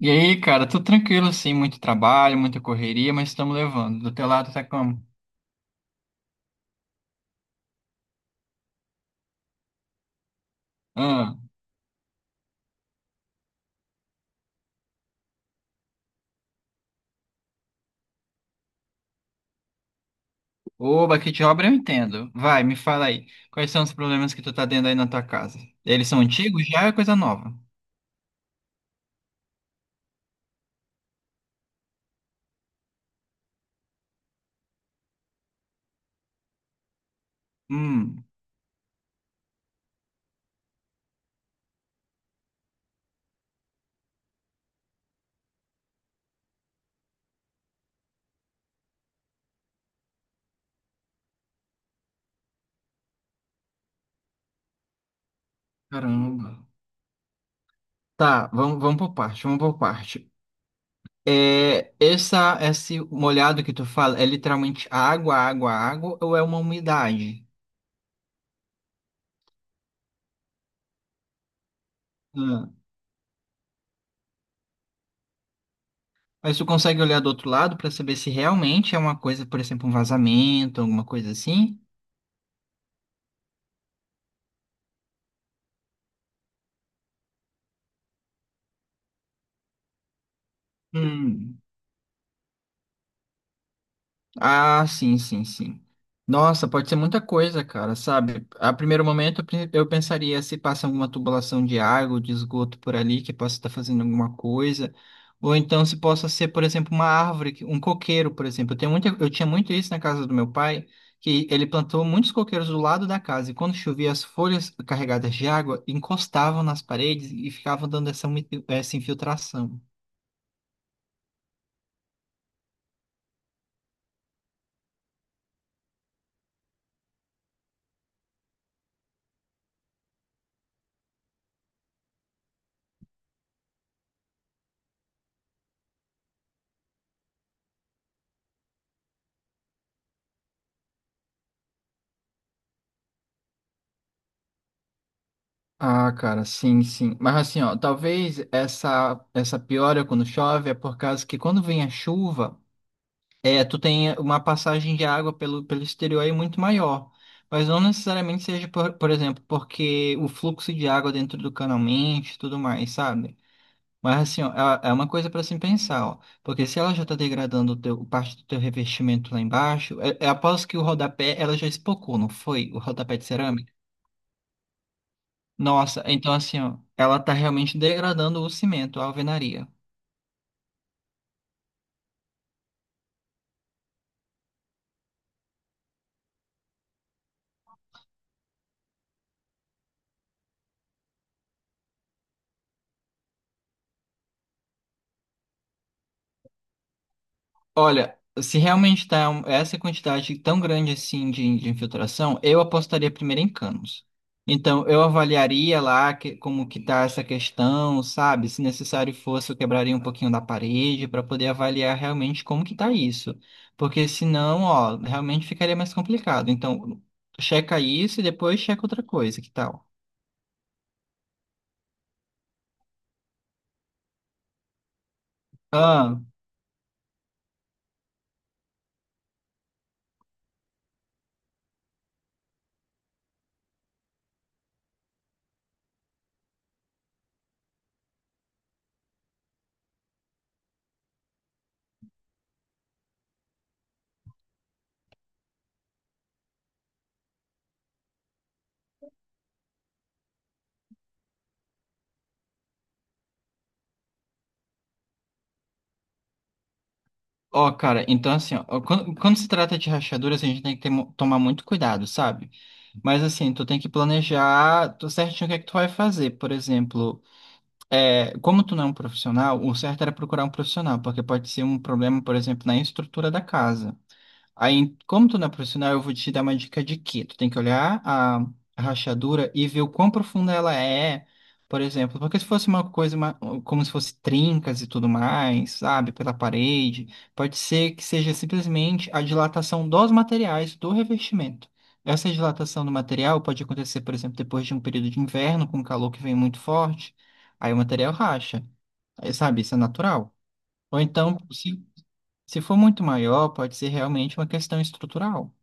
E aí, cara, tudo tranquilo, assim? Muito trabalho, muita correria, mas estamos levando. Do teu lado tá como? Ah, oba, que de obra eu entendo. Vai, me fala aí, quais são os problemas que tu tá tendo aí na tua casa? Eles são antigos? Já é coisa nova. Hum, caramba. Tá, vamos por parte, vamos por parte. É, esse molhado que tu fala, é literalmente água, água, água, ou é uma umidade? Ah. Mas tu consegue olhar do outro lado para saber se realmente é uma coisa, por exemplo, um vazamento, alguma coisa assim? Hum. Ah, sim, sim, sim. Nossa, pode ser muita coisa, cara, sabe? A primeiro momento eu pensaria se passa alguma tubulação de água ou de esgoto por ali, que possa estar fazendo alguma coisa. Ou então se possa ser, por exemplo, uma árvore, um coqueiro, por exemplo. Eu tenho muita, eu tinha muito isso na casa do meu pai, que ele plantou muitos coqueiros do lado da casa, e quando chovia, as folhas carregadas de água encostavam nas paredes e ficavam dando essa, essa infiltração. Ah, cara, sim, sim. Mas assim, ó, talvez essa piora quando chove é por causa que quando vem a chuva, é, tu tem uma passagem de água pelo exterior aí muito maior. Mas não necessariamente seja, por exemplo, porque o fluxo de água dentro do canal mente e tudo mais, sabe? Mas assim, ó, é uma coisa para se pensar, ó. Porque se ela já tá degradando o teu, parte do teu revestimento lá embaixo, é após que o rodapé, ela já espocou, não foi? O rodapé de cerâmica. Nossa, então assim, ó, ela tá realmente degradando o cimento, a alvenaria. Olha, se realmente essa quantidade tão grande assim de infiltração, eu apostaria primeiro em canos. Então, eu avaliaria como que tá essa questão, sabe? Se necessário fosse, eu quebraria um pouquinho da parede para poder avaliar realmente como que tá isso. Porque senão, ó, realmente ficaria mais complicado. Então, checa isso e depois checa outra coisa, que tal? Ah. Ó, cara, então assim, ó, quando se trata de rachaduras, a gente tem que tomar muito cuidado, sabe? Mas assim, tu tem que planejar tu certinho o que é que tu vai fazer. Por exemplo, é, como tu não é um profissional, o certo era procurar um profissional, porque pode ser um problema, por exemplo, na estrutura da casa. Aí, como tu não é profissional, eu vou te dar uma dica de que tu tem que olhar a rachadura e ver o quão profunda ela é, por exemplo, porque se fosse como se fosse trincas e tudo mais, sabe, pela parede, pode ser que seja simplesmente a dilatação dos materiais do revestimento. Essa dilatação do material pode acontecer, por exemplo, depois de um período de inverno com calor que vem muito forte, aí o material racha, aí, sabe, isso é natural. Ou então, se for muito maior, pode ser realmente uma questão estrutural.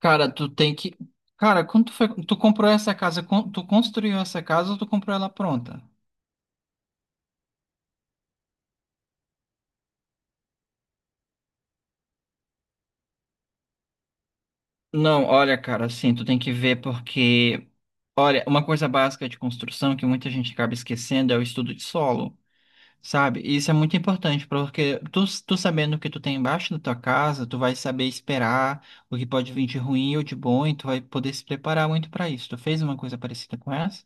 Cara, tu tem que. Cara, quando tu comprou essa casa, tu construiu essa casa ou tu comprou ela pronta? Não, olha, cara, assim, tu tem que ver porque, olha, uma coisa básica de construção que muita gente acaba esquecendo é o estudo de solo, sabe? E isso é muito importante, porque tu, tu sabendo o que tu tem embaixo da tua casa, tu vai saber esperar o que pode vir de ruim ou de bom, e tu vai poder se preparar muito pra isso. Tu fez uma coisa parecida com essa?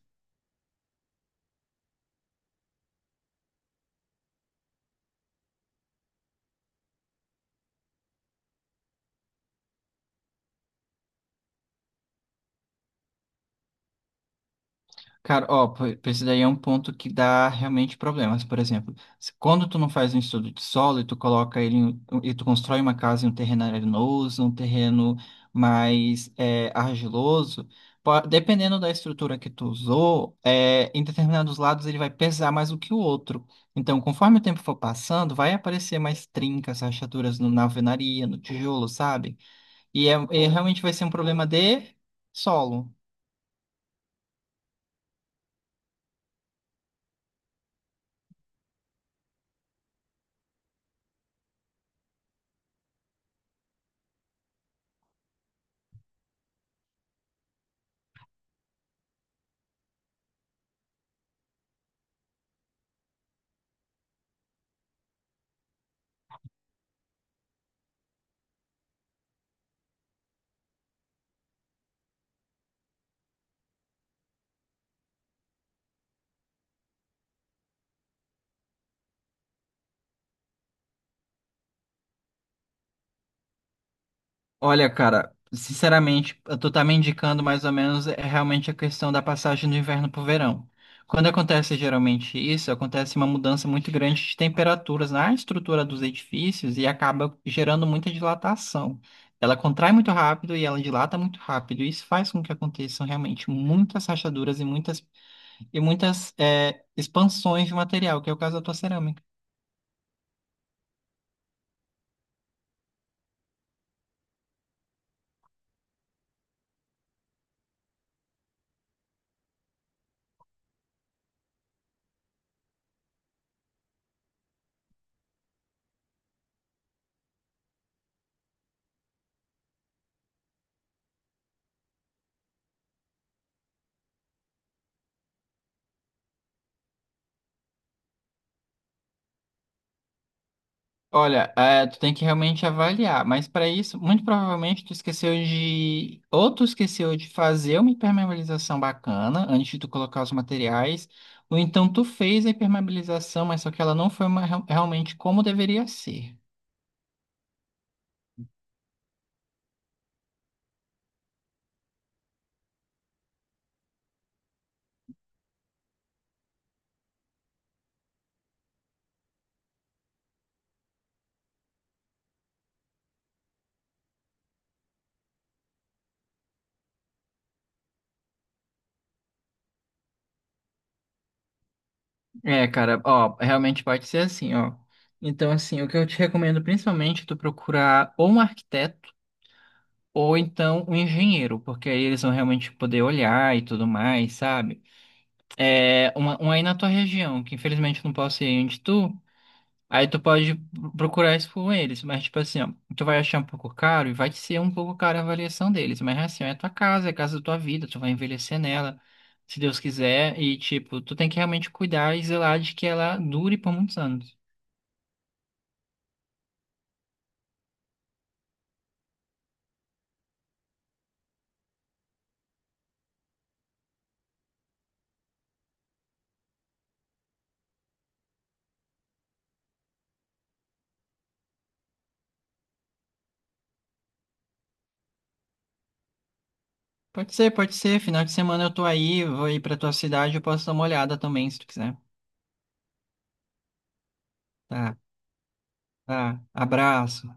Cara, ó, pô, esse daí é um ponto que dá realmente problemas. Por exemplo, quando tu não faz um estudo de solo e tu coloca ele em- um, e tu constrói uma casa em um terreno arenoso, um terreno mais é, argiloso, dependendo da estrutura que tu usou, é, em determinados lados ele vai pesar mais do que o outro. Então, conforme o tempo for passando, vai aparecer mais trincas, rachaduras na alvenaria, no tijolo, sabe? E, é, e realmente vai ser um problema de solo. Olha, cara, sinceramente, eu tô tá me indicando mais ou menos é realmente a questão da passagem do inverno pro verão. Quando acontece geralmente isso, acontece uma mudança muito grande de temperaturas na estrutura dos edifícios e acaba gerando muita dilatação. Ela contrai muito rápido e ela dilata muito rápido, e isso faz com que aconteçam realmente muitas rachaduras e e muitas é, expansões de material, que é o caso da tua cerâmica. Olha, é, tu tem que realmente avaliar, mas para isso, muito provavelmente tu esqueceu de fazer uma impermeabilização bacana antes de tu colocar os materiais, ou então tu fez a impermeabilização, mas só que ela não foi uma- real- realmente como deveria ser. É, cara, ó, realmente pode ser assim, ó. Então, assim, o que eu te recomendo principalmente é tu procurar ou um arquiteto ou então um engenheiro, porque aí eles vão realmente poder olhar e tudo mais, sabe? É, um aí na tua região, que infelizmente eu não posso ir onde tu, aí tu pode procurar isso com eles, mas tipo assim, ó, tu vai achar um pouco caro e vai ser um pouco caro a avaliação deles, mas assim, ó, é tua casa, é a casa da tua vida, tu vai envelhecer nela, se Deus quiser, e tipo, tu tem que realmente cuidar e zelar de que ela dure por muitos anos. Pode ser, final de semana eu tô aí, vou ir pra tua cidade, eu posso dar uma olhada também, se tu quiser. Tá, tá, abraço.